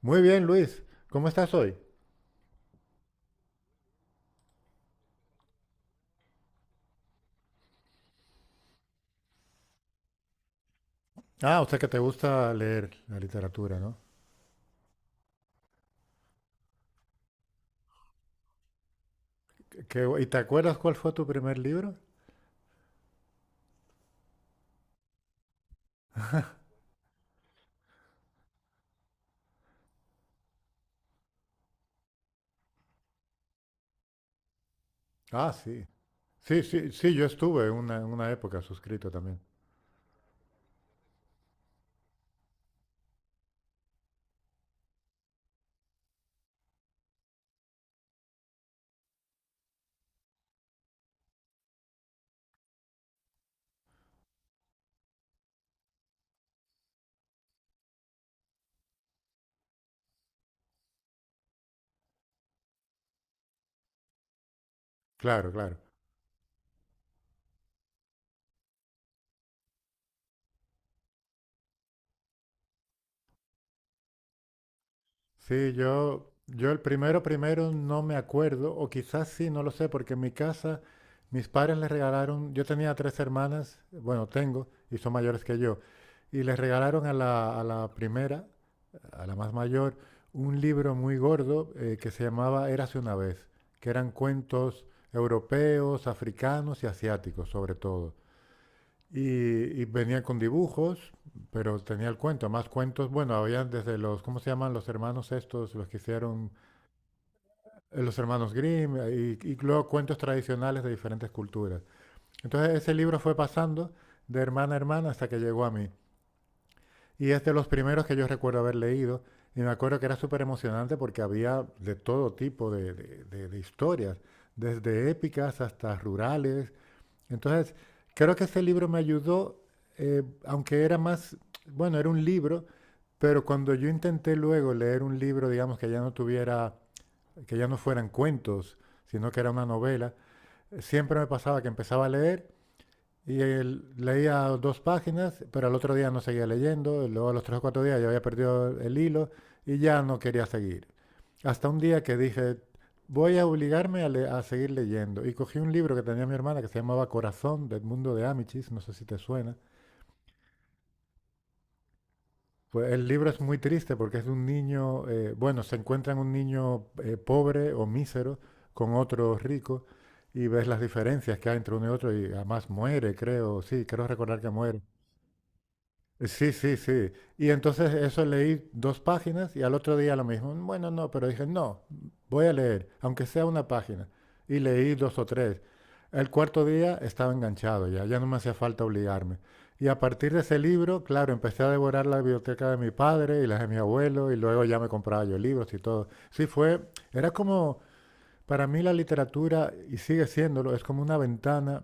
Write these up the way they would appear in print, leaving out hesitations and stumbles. Muy bien, Luis. ¿Cómo estás hoy? Ah, o sea que te gusta leer la literatura, ¿no? Qué- qué ¿Y te acuerdas cuál fue tu primer libro? Ah, sí. Sí, sí, sí, yo estuve en una época suscrito también. Claro, claro. Sí, yo el primero no me acuerdo, o quizás sí, no lo sé, porque en mi casa mis padres les regalaron, yo tenía tres hermanas, bueno, tengo, y son mayores que yo, y les regalaron a la primera, a la más mayor, un libro muy gordo que se llamaba Érase una vez, que eran cuentos europeos, africanos y asiáticos, sobre todo. Y, y venía con dibujos, pero tenía el cuento, más cuentos. Bueno, había desde los, ¿cómo se llaman los hermanos estos? Los que hicieron los hermanos Grimm, y luego cuentos tradicionales de diferentes culturas. Entonces ese libro fue pasando de hermana a hermana hasta que llegó a mí. Y es de los primeros que yo recuerdo haber leído. Y me acuerdo que era súper emocionante porque había de todo tipo de historias, desde épicas hasta rurales, entonces, creo que ese libro me ayudó, aunque era más, bueno, era un libro, pero cuando yo intenté luego leer un libro, digamos, que ya no tuviera, que ya no fueran cuentos, sino que era una novela, siempre me pasaba que empezaba a leer y él leía 2 páginas, pero al otro día no seguía leyendo. Luego a los 3 o 4 días ya había perdido el hilo y ya no quería seguir. Hasta un día que dije, voy a obligarme a, a seguir leyendo. Y cogí un libro que tenía mi hermana que se llamaba Corazón, del mundo de Amichis, no sé si te suena. Pues el libro es muy triste porque es de un niño, bueno, se encuentran un niño pobre o mísero con otro rico y ves las diferencias que hay entre uno y otro y además muere, creo, sí, creo recordar que muere. Sí, sí, sí. Y entonces eso leí 2 páginas y al otro día lo mismo. Bueno, no, pero dije, no, voy a leer, aunque sea una página. Y leí dos o tres. El cuarto día estaba enganchado ya, ya no me hacía falta obligarme. Y a partir de ese libro, claro, empecé a devorar la biblioteca de mi padre y las de mi abuelo y luego ya me compraba yo libros y todo. Sí, fue, era como, para mí la literatura, y sigue siéndolo, es como una ventana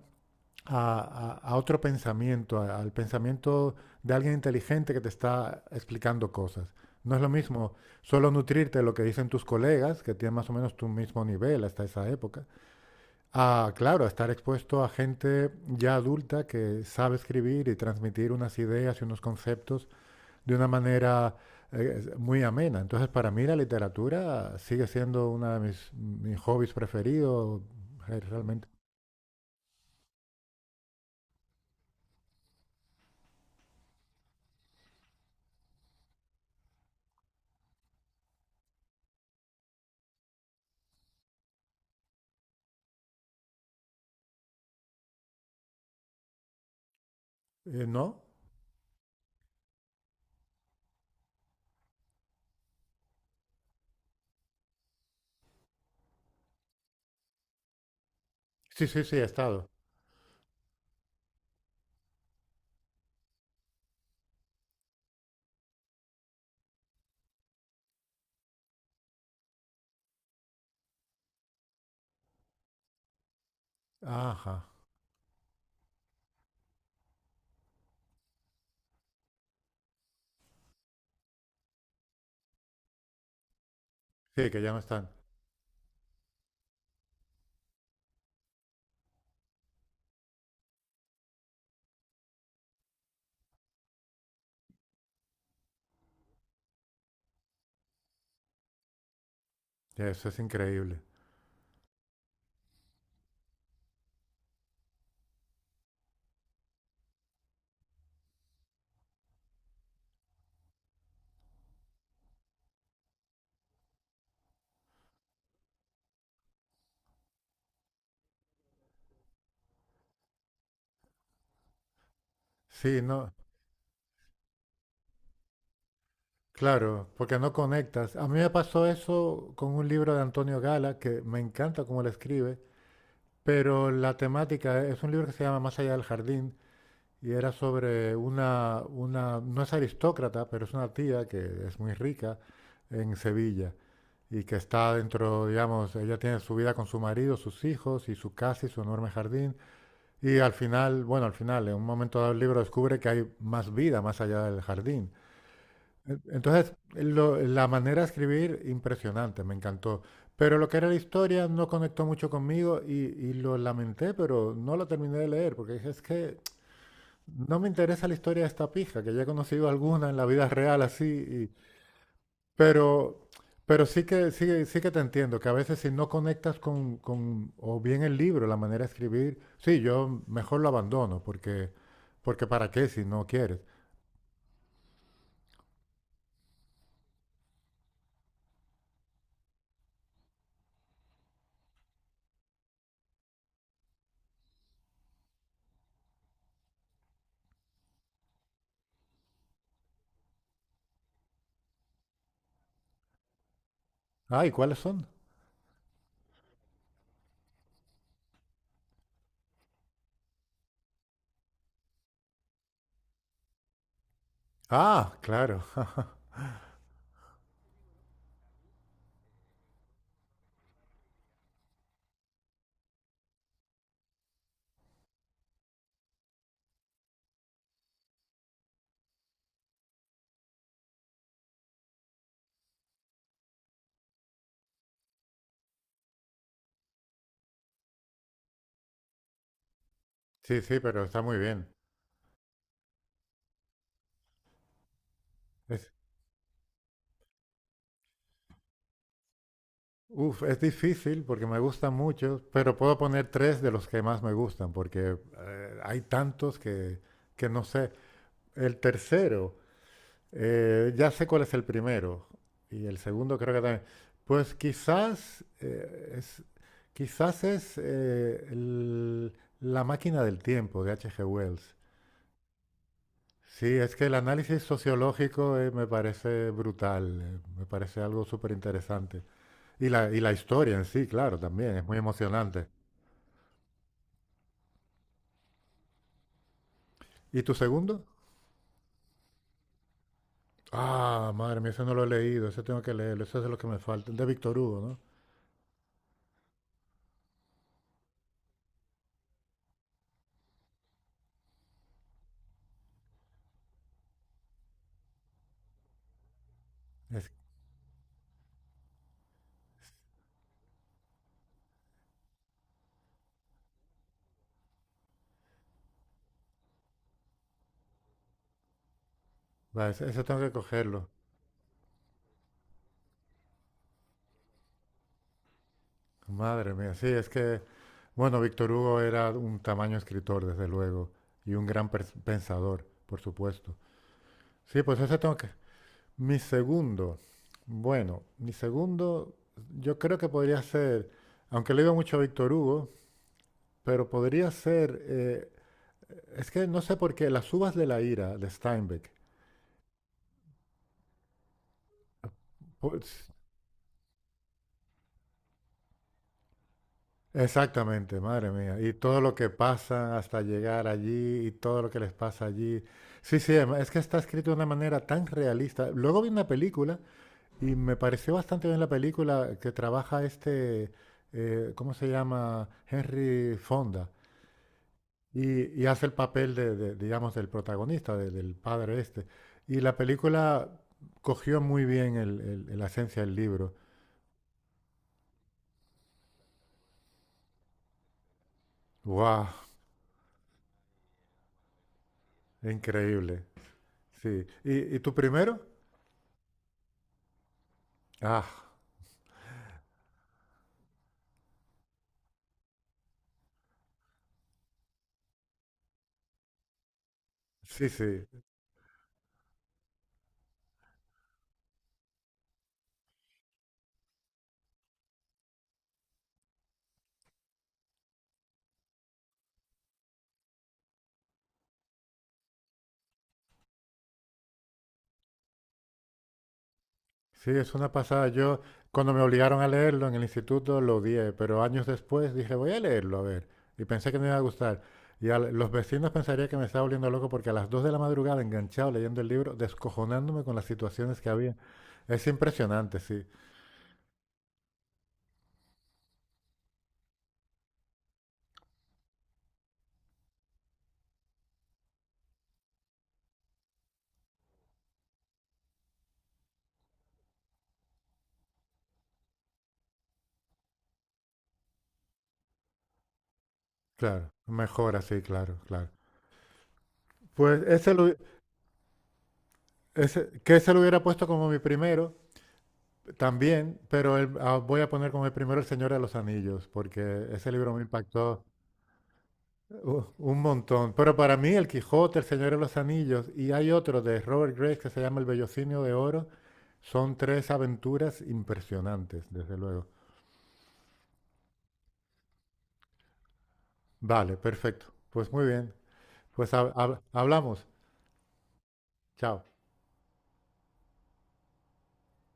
a otro pensamiento, al pensamiento de alguien inteligente que te está explicando cosas. No es lo mismo solo nutrirte de lo que dicen tus colegas, que tienen más o menos tu mismo nivel hasta esa época, a, claro, a estar expuesto a gente ya adulta que sabe escribir y transmitir unas ideas y unos conceptos de una manera muy amena. Entonces, para mí la literatura sigue siendo uno de mis hobbies preferidos, realmente. ¿No? Sí, sí, sí, he estado. Ajá. Sí, que ya no están. Eso es increíble. Sí, no. Claro, porque no conectas. A mí me pasó eso con un libro de Antonio Gala, que me encanta cómo lo escribe, pero la temática es un libro que se llama Más allá del jardín y era sobre no es aristócrata, pero es una tía que es muy rica en Sevilla y que está dentro, digamos, ella tiene su vida con su marido, sus hijos y su casa y su enorme jardín. Y al final, bueno, al final, en un momento dado el libro descubre que hay más vida más allá del jardín. Entonces, la manera de escribir, impresionante, me encantó. Pero lo que era la historia no conectó mucho conmigo y lo lamenté, pero no lo terminé de leer, porque dije, es que no me interesa la historia de esta pija, que ya he conocido alguna en la vida real así, pero, pero sí que, sí, sí que te entiendo, que a veces si no conectas con, o bien el libro, la manera de escribir, sí, yo mejor lo abandono, porque, porque ¿para qué si no quieres? Ah, ¿y cuáles son? Ah, claro. Sí, sí, pero está muy bien. Es, uf, es difícil porque me gustan muchos, pero puedo poner tres de los que más me gustan, porque hay tantos que no sé. El tercero, ya sé cuál es el primero y el segundo creo que también. Pues quizás quizás es La máquina del tiempo de H.G. Wells. Sí, es que el análisis sociológico me parece brutal, me parece algo súper interesante. Y la historia en sí, claro, también es muy emocionante. ¿Y tu segundo? Ah, madre mía, ese no lo he leído, ese tengo que leerlo, ese es de lo que me falta, el de Víctor Hugo, ¿no? Es- va, ese tengo que cogerlo. Madre mía, sí, es que, bueno, Víctor Hugo era un tamaño escritor, desde luego, y un gran pensador, por supuesto. Sí, pues ese tengo que... Mi segundo, bueno, mi segundo yo creo que podría ser, aunque le digo mucho a Víctor Hugo, pero podría ser, es que no sé por qué, Las uvas de la ira de Steinbeck. Pues, exactamente, madre mía. Y todo lo que pasa hasta llegar allí y todo lo que les pasa allí. Sí, sí, es que está escrito de una manera tan realista. Luego vi una película y me pareció bastante bien la película que trabaja este, ¿cómo se llama? Henry Fonda. Y hace el papel digamos, del protagonista, del padre este. Y la película cogió muy bien la esencia del libro. ¡Wow! Increíble. Sí. Y tú primero? Ah. Sí, sí, sí, es una pasada. Yo, cuando me obligaron a leerlo en el instituto, lo odié, pero años después dije, voy a leerlo, a ver. Y pensé que me iba a gustar. Y a los vecinos pensaría que me estaba volviendo loco porque a las 2 de la madrugada, enganchado leyendo el libro, descojonándome con las situaciones que había. Es impresionante, sí, claro. Mejor así, claro, claro. Pues ese, que ese lo hubiera puesto como mi primero también, pero voy a poner como mi primero El Señor de los Anillos, porque ese libro me impactó. Un montón. Pero para mí, El Quijote, El Señor de los Anillos y hay otro de Robert Graves que se llama El Bellocinio de Oro. Son tres aventuras impresionantes, desde luego. Vale, perfecto. Pues muy bien. Pues hablamos. Chao.